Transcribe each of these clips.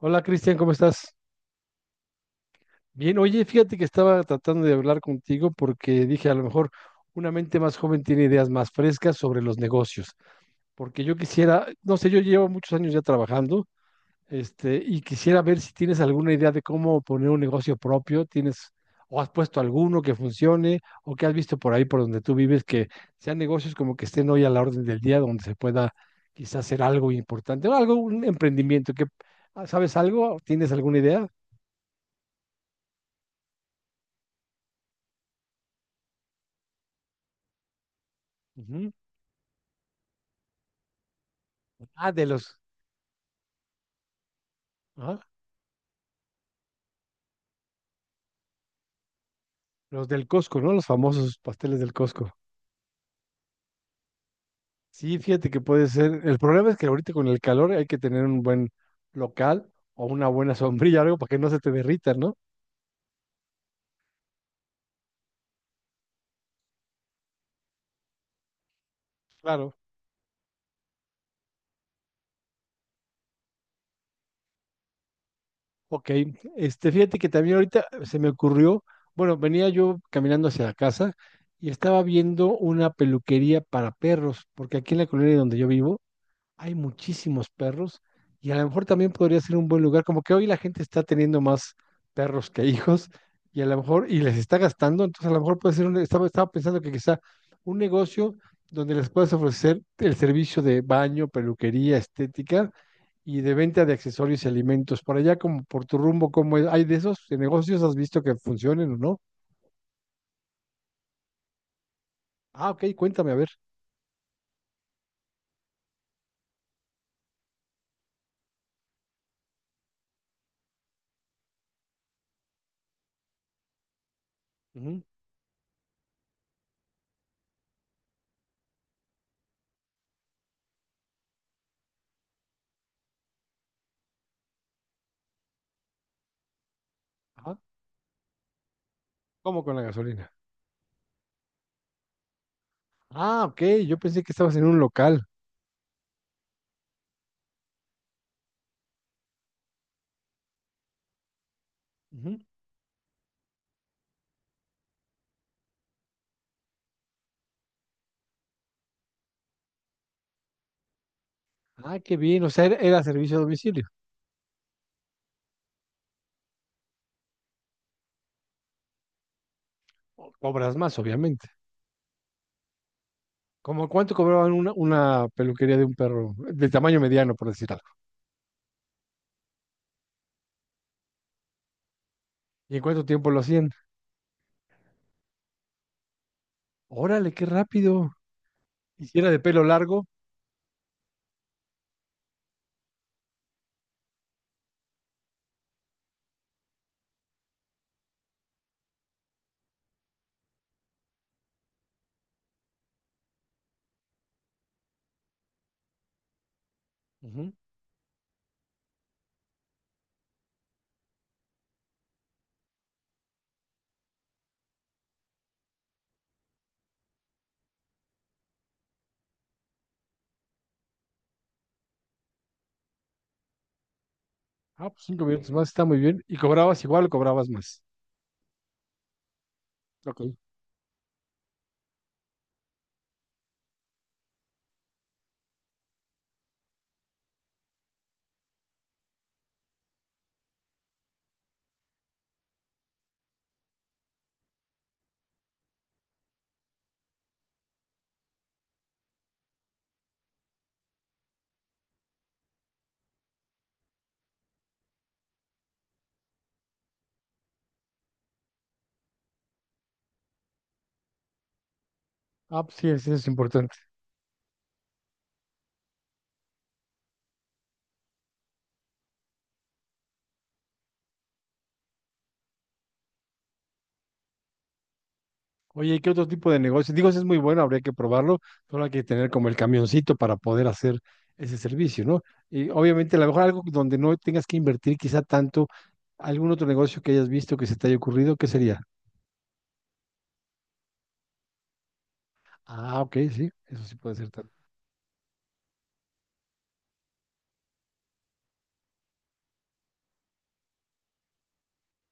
Hola, Cristian, ¿cómo estás? Bien, oye, fíjate que estaba tratando de hablar contigo porque dije, a lo mejor una mente más joven tiene ideas más frescas sobre los negocios, porque yo quisiera, no sé, yo llevo muchos años ya trabajando. Y quisiera ver si tienes alguna idea de cómo poner un negocio propio, tienes, o has puesto alguno que funcione, o que has visto por ahí por donde tú vives, que sean negocios como que estén hoy a la orden del día, donde se pueda quizás hacer algo importante, o algo, un emprendimiento, que, ah, ¿sabes algo? ¿Tienes alguna idea? Ah, ah, los del Costco, ¿no? Los famosos pasteles del Costco. Sí, fíjate que puede ser. El problema es que ahorita con el calor hay que tener un buen local o una buena sombrilla, algo para que no se te derrita, ¿no? Claro. Ok. Fíjate que también ahorita se me ocurrió, bueno, venía yo caminando hacia la casa y estaba viendo una peluquería para perros, porque aquí en la colonia donde yo vivo hay muchísimos perros y a lo mejor también podría ser un buen lugar, como que hoy la gente está teniendo más perros que hijos y a lo mejor, y les está gastando, entonces a lo mejor puede ser, estaba pensando que quizá un negocio donde les puedas ofrecer el servicio de baño, peluquería, estética y de venta de accesorios y alimentos. Por allá, como por tu rumbo, ¿cómo es? ¿Hay de esos de negocios? ¿Has visto que funcionen o no? Ah, ok, cuéntame, a ver. Ujú, ajá. ¿Cómo con la gasolina? Ah, ok, yo pensé que estabas en un local. Ah, qué bien. O sea, era servicio a domicilio. O- cobras más, obviamente. ¿Cómo cuánto cobraban una peluquería de un perro de tamaño mediano, por decir algo? ¿Y en cuánto tiempo lo hacían? Órale, qué rápido. ¿Y si era de pelo largo? Ujú. Ah, pues 5 minutos más, está muy bien. ¿Y cobrabas igual o cobrabas más? Ok. Ah, pues sí, sí, eso es importante. Oye, ¿y qué otro tipo de negocio? Digo, ese es muy bueno, habría que probarlo, solo hay que tener como el camioncito para poder hacer ese servicio, ¿no? Y obviamente, a lo mejor algo donde no tengas que invertir quizá tanto, algún otro negocio que hayas visto que se te haya ocurrido, ¿qué sería? Ah, ok, sí, eso sí puede ser tal.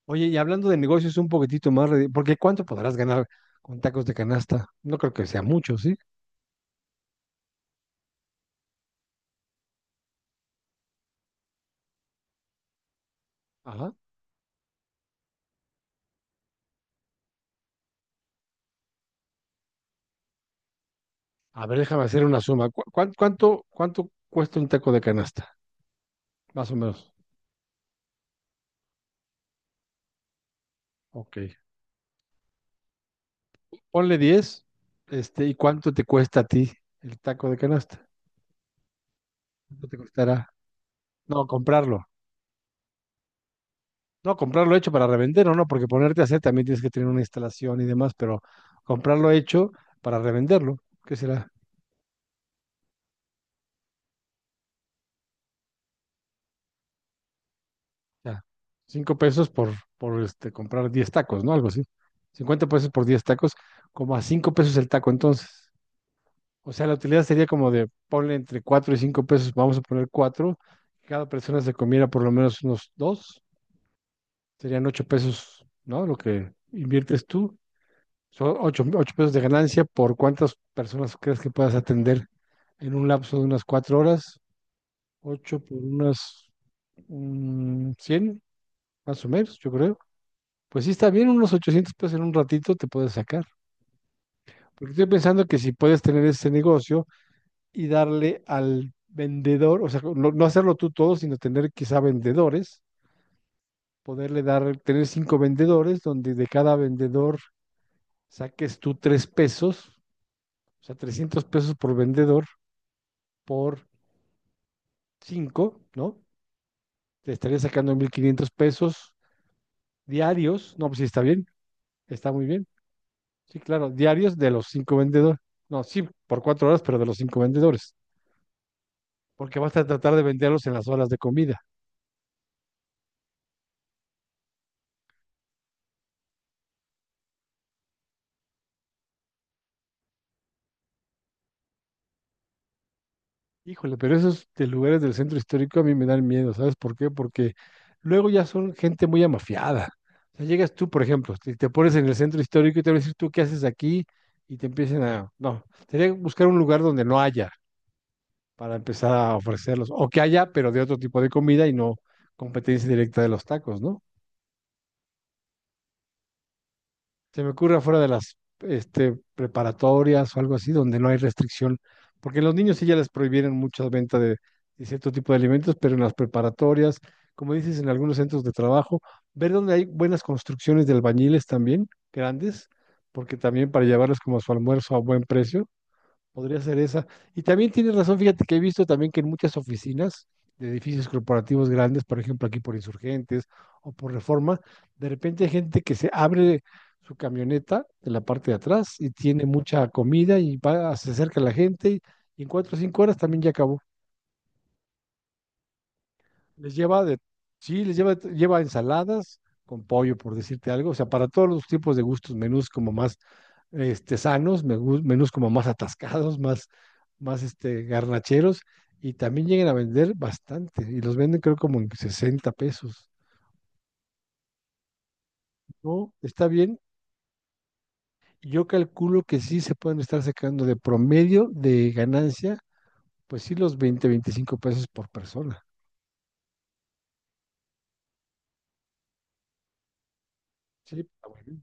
Oye, y hablando de negocios un poquitito más, porque ¿cuánto podrás ganar con tacos de canasta? No creo que sea mucho, ¿sí? Ajá. A ver, déjame hacer una suma. ¿Cuánto cuesta un taco de canasta? Más o menos. Ok. Ponle 10. ¿Y cuánto te cuesta a ti el taco de canasta? ¿Cuánto te costará? No, comprarlo. No, comprarlo hecho para revender o no, porque ponerte a hacer también tienes que tener una instalación y demás, pero comprarlo hecho para revenderlo, ¿qué será? Ya, cinco pesos por, por comprar 10 tacos, ¿no? Algo así. 50 pesos por 10 tacos, como a 5 pesos el taco entonces. O sea, la utilidad sería como de ponle entre 4 y 5 pesos, vamos a poner 4. Cada persona se comiera por lo menos unos 2. Serían 8 pesos, ¿no? Lo que inviertes tú. Son ocho pesos de ganancia por cuántas personas crees que puedas atender en un lapso de unas 4 horas. Ocho por unas mm, 100, más o menos, yo creo. Pues sí está bien, unos 800 pesos en un ratito te puedes sacar. Porque estoy pensando que si puedes tener ese negocio y darle al vendedor, o sea, no, no hacerlo tú todo, sino tener quizá vendedores, poderle dar, tener cinco vendedores, donde de cada vendedor saques tú 3 pesos, o sea, 300 pesos por vendedor por cinco, ¿no? Te estaría sacando 1,500 pesos diarios. No, pues sí, está bien, está muy bien. Sí, claro, diarios de los cinco vendedores. No, sí, por 4 horas, pero de los cinco vendedores. Porque vas a tratar de venderlos en las horas de comida. Híjole, pero esos de lugares del centro histórico a mí me dan miedo, ¿sabes por qué? Porque luego ya son gente muy amafiada. O sea, llegas tú, por ejemplo, te pones en el centro histórico y te van a decir tú qué haces aquí y te empiezan a... No, sería buscar un lugar donde no haya para empezar a ofrecerlos, o que haya, pero de otro tipo de comida y no competencia directa de los tacos, ¿no? Se me ocurre afuera de las preparatorias o algo así, donde no hay restricción, porque los niños sí ya les prohibieron muchas ventas de cierto tipo de alimentos, pero en las preparatorias, como dices, en algunos centros de trabajo, ver donde hay buenas construcciones de albañiles también, grandes, porque también para llevarlos como su almuerzo a buen precio, podría ser esa. Y también tienes razón, fíjate que he visto también que en muchas oficinas de edificios corporativos grandes, por ejemplo aquí por Insurgentes o por Reforma, de repente hay gente que se abre su camioneta de la parte de atrás y tiene mucha comida y va, se acerca a la gente y en 4 o 5 horas también ya acabó. Les lleva de, sí, les lleva, lleva ensaladas con pollo, por decirte algo. O sea, para todos los tipos de gustos, menús como más sanos, menús como más atascados, más, más garnacheros. Y también llegan a vender bastante. Y los venden creo como en 60 pesos. ¿No? Está bien. Yo calculo que sí se pueden estar sacando de promedio de ganancia, pues sí, los 20 25 pesos por persona. Sí, está bueno.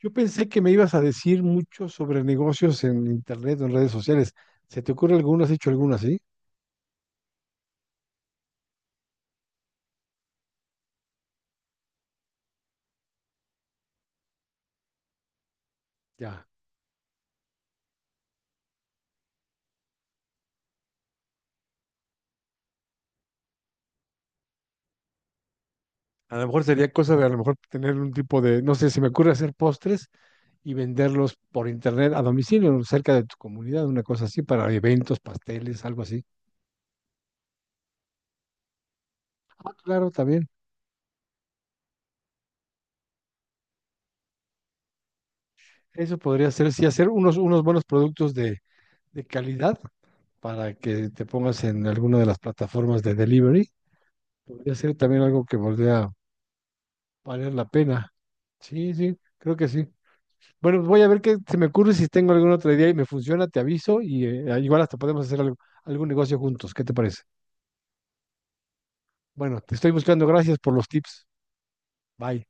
Yo pensé que me ibas a decir mucho sobre negocios en internet o en redes sociales. ¿Se te ocurre alguno? ¿Has hecho alguna, sí? Ya. A lo mejor sería cosa de a lo mejor tener un tipo de, no sé, se me ocurre hacer postres y venderlos por internet a domicilio, cerca de tu comunidad, una cosa así, para eventos, pasteles, algo así. Ah, claro, también. Eso podría ser, sí, hacer unos, unos buenos productos de calidad para que te pongas en alguna de las plataformas de delivery. Podría ser también algo que volviera a valer la pena. Sí, sí, creo que sí. Bueno, voy a ver qué se me ocurre si tengo algún otro idea y me funciona, te aviso y igual hasta podemos hacer algún negocio juntos. ¿Qué te parece? Bueno, te estoy buscando. Gracias por los tips. Bye.